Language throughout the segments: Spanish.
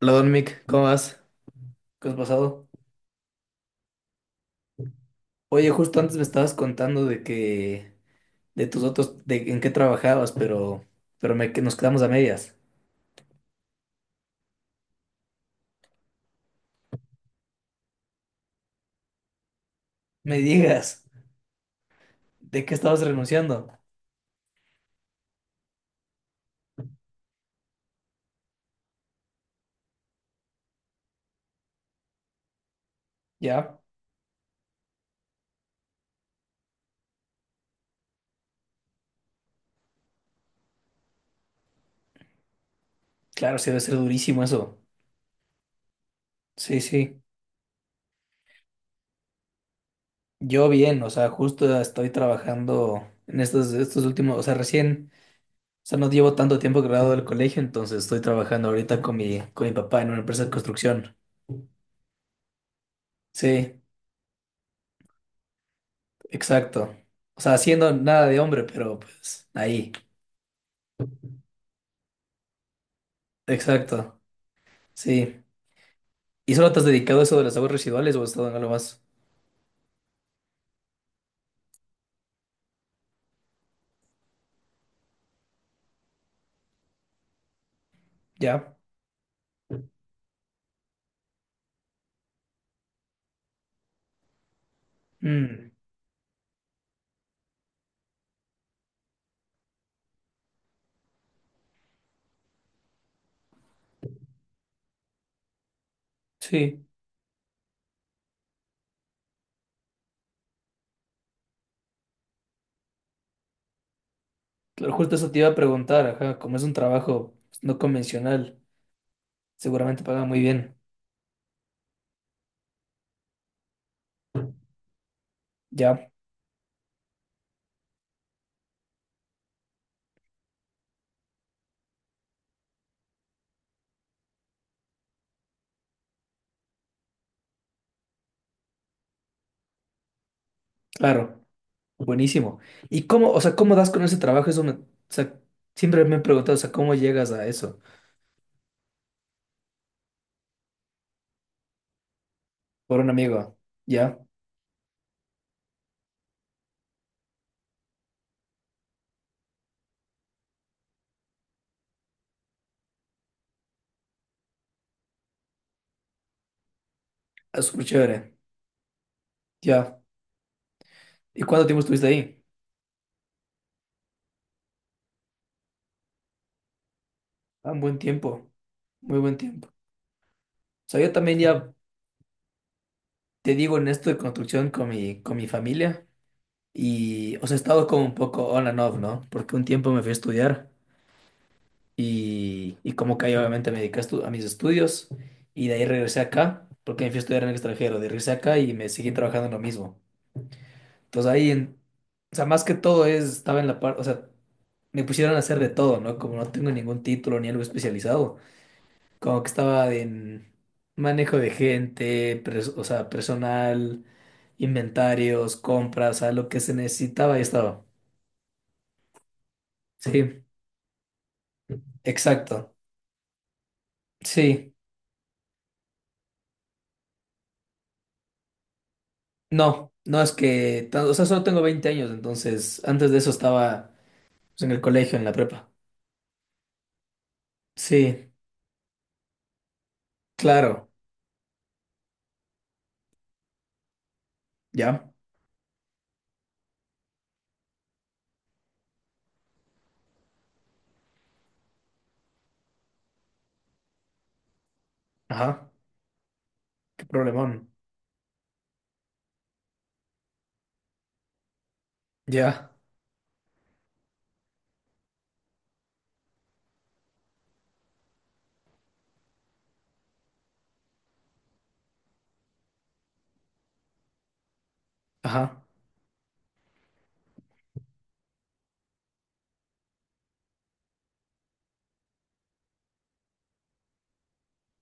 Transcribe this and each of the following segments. Hola, Don Mick, ¿cómo vas? ¿Qué has pasado? Oye, justo antes me estabas contando de tus otros, de en qué trabajabas, pero que nos quedamos a medias. Me digas, ¿de qué estabas renunciando? Ya, claro, sí debe ser durísimo eso. Sí, sí. Yo bien, o sea, justo estoy trabajando en estos últimos, o sea, recién, o sea, no llevo tanto tiempo graduado del colegio, entonces estoy trabajando ahorita con con mi papá en una empresa de construcción. Sí. Exacto. O sea, haciendo nada de hombre, pero pues ahí. Exacto. Sí. ¿Y solo te has dedicado a eso de las aguas residuales o has estado en algo más? Ya. Mm, sí. Claro, justo eso te iba a preguntar, ajá, como es un trabajo pues, no convencional, seguramente paga muy bien. Ya, claro. Buenísimo. ¿Y cómo, o sea, cómo das con ese trabajo? Eso me, o sea, siempre me he preguntado, o sea, ¿cómo llegas a eso? Por un amigo. Ya. Ah, súper chévere. Ya. ¿Y cuánto tiempo estuviste ahí? Ah, un buen tiempo. Muy buen tiempo. Sea, yo también ya te digo en esto de construcción con con mi familia y, o sea, he estado como un poco on and off, ¿no? Porque un tiempo me fui a estudiar y como que ahí obviamente me dediqué a, a mis estudios y de ahí regresé acá, porque me fui a estudiar en el extranjero, de regresé acá y me seguí trabajando en lo mismo. Entonces ahí, o sea, más que todo es, estaba en la parte, o sea, me pusieron a hacer de todo, ¿no? Como no tengo ningún título ni algo especializado. Como que estaba en manejo de gente, o sea, personal, inventarios, compras, a lo que se necesitaba y estaba. Sí, exacto. Sí, no, no es que, o sea, solo tengo 20 años, entonces antes de eso estaba pues, en el colegio, en la prepa. Sí, claro, ya, ajá, qué problemón, ya, ajá,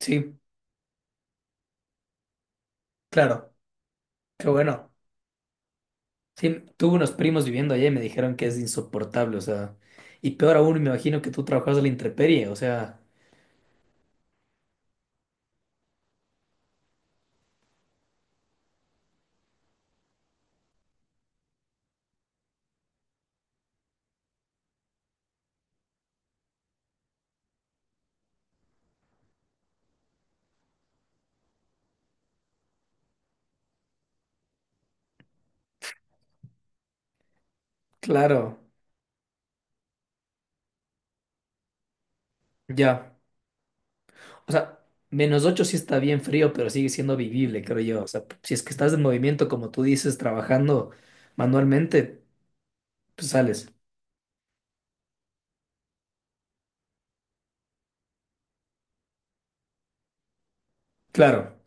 sí, claro, qué bueno. Sí, tuve unos primos viviendo allá y me dijeron que es insoportable, o sea, y peor aún, me imagino que tú trabajas a la intemperie, o sea, claro, ya, o sea, -8 sí está bien frío, pero sigue siendo vivible, creo yo, o sea, si es que estás en movimiento, como tú dices, trabajando manualmente, pues sales, claro,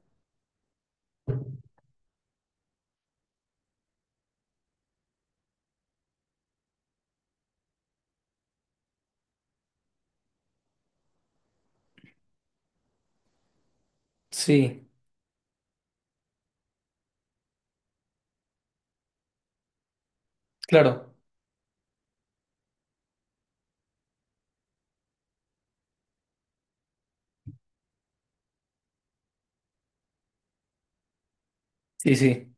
sí, claro, sí, sí,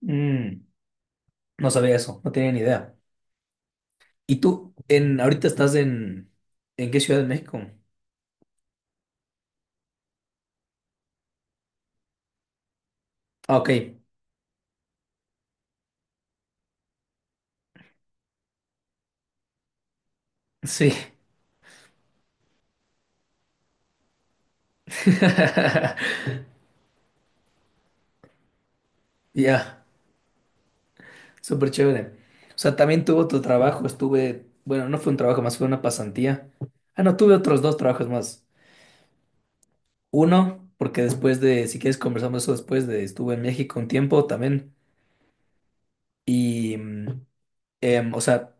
mm, no sabía eso, no tenía ni idea. ¿Y tú, en, ahorita estás en qué ciudad de México? Ah, ok, sí, ya. Súper chévere. O sea, también tuvo tu trabajo, estuve, bueno, no fue un trabajo más, fue una pasantía. Ah, no, tuve otros dos trabajos más. Uno, porque después de, si quieres conversamos eso después de, estuve en México un tiempo también. Y, o sea,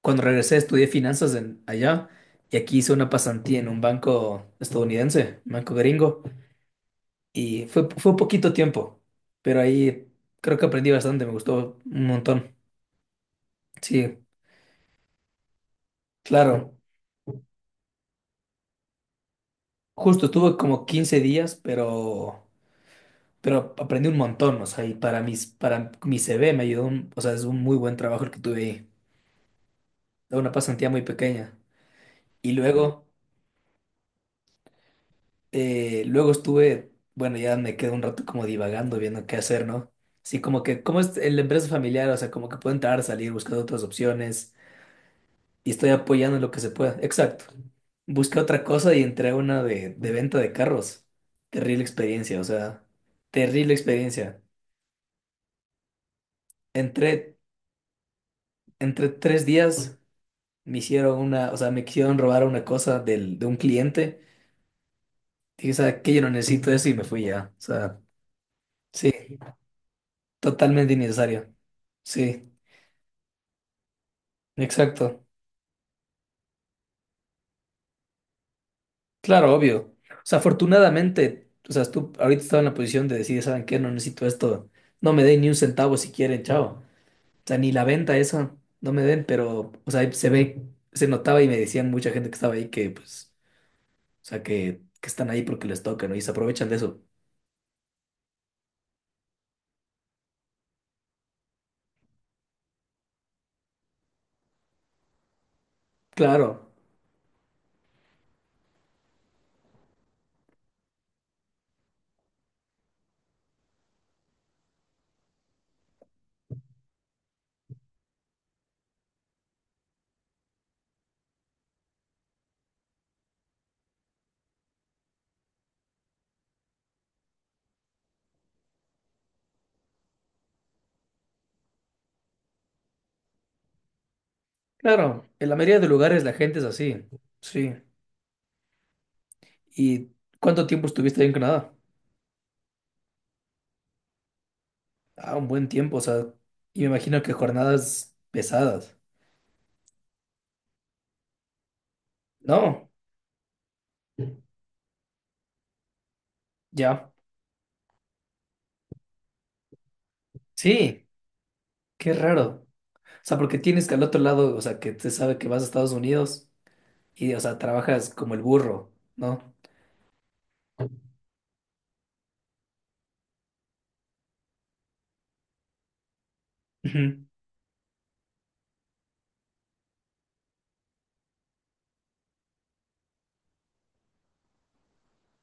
cuando regresé estudié finanzas en, allá y aquí hice una pasantía en un banco estadounidense, un banco gringo. Y fue poquito tiempo, pero ahí creo que aprendí bastante, me gustó un montón. Sí, claro. Justo estuve como 15 días, pero aprendí un montón, o sea, y para para mi CV me ayudó, o sea, es un muy buen trabajo el que tuve ahí. Era una pasantía muy pequeña. Y luego, luego estuve, bueno, ya me quedé un rato como divagando, viendo qué hacer, ¿no? Sí, como que, como es la empresa familiar, o sea, como que puedo entrar, salir, buscar otras opciones, y estoy apoyando en lo que se pueda. Exacto. Busqué otra cosa y entré a una de venta de carros. Terrible experiencia, o sea, terrible experiencia. Entré, entre tres días me hicieron una, o sea, me quisieron robar una cosa de un cliente. Dije, ¿sabes qué? Yo no necesito eso y me fui ya. O sea, sí, totalmente innecesario. Sí, exacto. Claro, obvio. O sea, afortunadamente, o sea, tú ahorita estaba en la posición de decir, ¿saben qué? No necesito esto. No me den ni un centavo si quieren, chao. O sea, ni la venta esa, no me den, pero, o sea, se ve, se notaba y me decían mucha gente que estaba ahí que, pues, o sea, que están ahí porque les toca, ¿no? Y se aprovechan de eso. Claro, claro. En la mayoría de lugares la gente es así. Sí. ¿Y cuánto tiempo estuviste ahí en Canadá? Ah, un buen tiempo, o sea, y me imagino que jornadas pesadas. No, ya. Sí, qué raro. O sea, porque tienes que al otro lado, o sea, que te sabe que vas a Estados Unidos y, o sea, trabajas como el burro, ¿no? Ujú,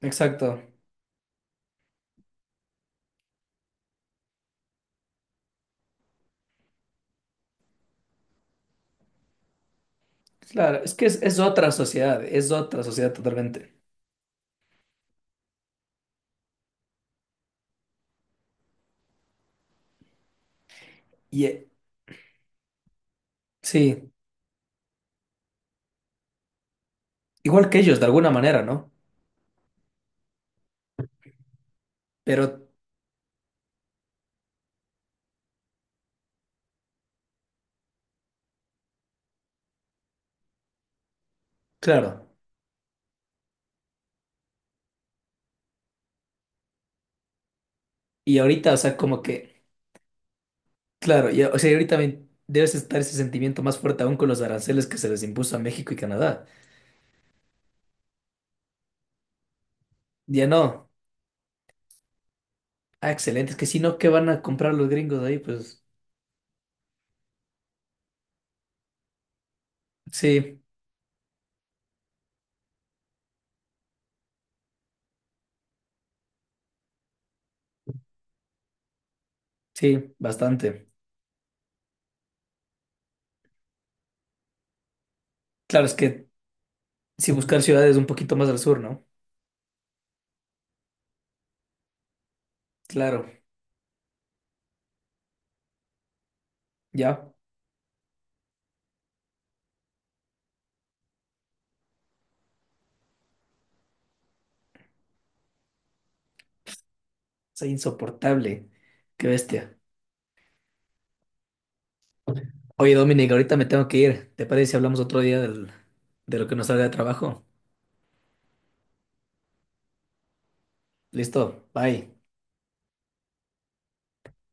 exacto. Claro, es que es otra sociedad totalmente. Y sí, igual que ellos, de alguna manera, ¿no? Pero, claro. Y ahorita, o sea, como que, claro, ya, o sea, ahorita debes estar ese sentimiento más fuerte aún con los aranceles que se les impuso a México y Canadá. Ya no. Ah, excelente. Es que si no, ¿qué van a comprar los gringos ahí? Pues sí, sí, bastante. Claro, es que si buscar ciudades un poquito más al sur, ¿no? Claro, ya. Es insoportable. Qué bestia. Oye, Dominic, ahorita me tengo que ir. ¿Te parece si hablamos otro día de lo que nos salga de trabajo? Listo, bye.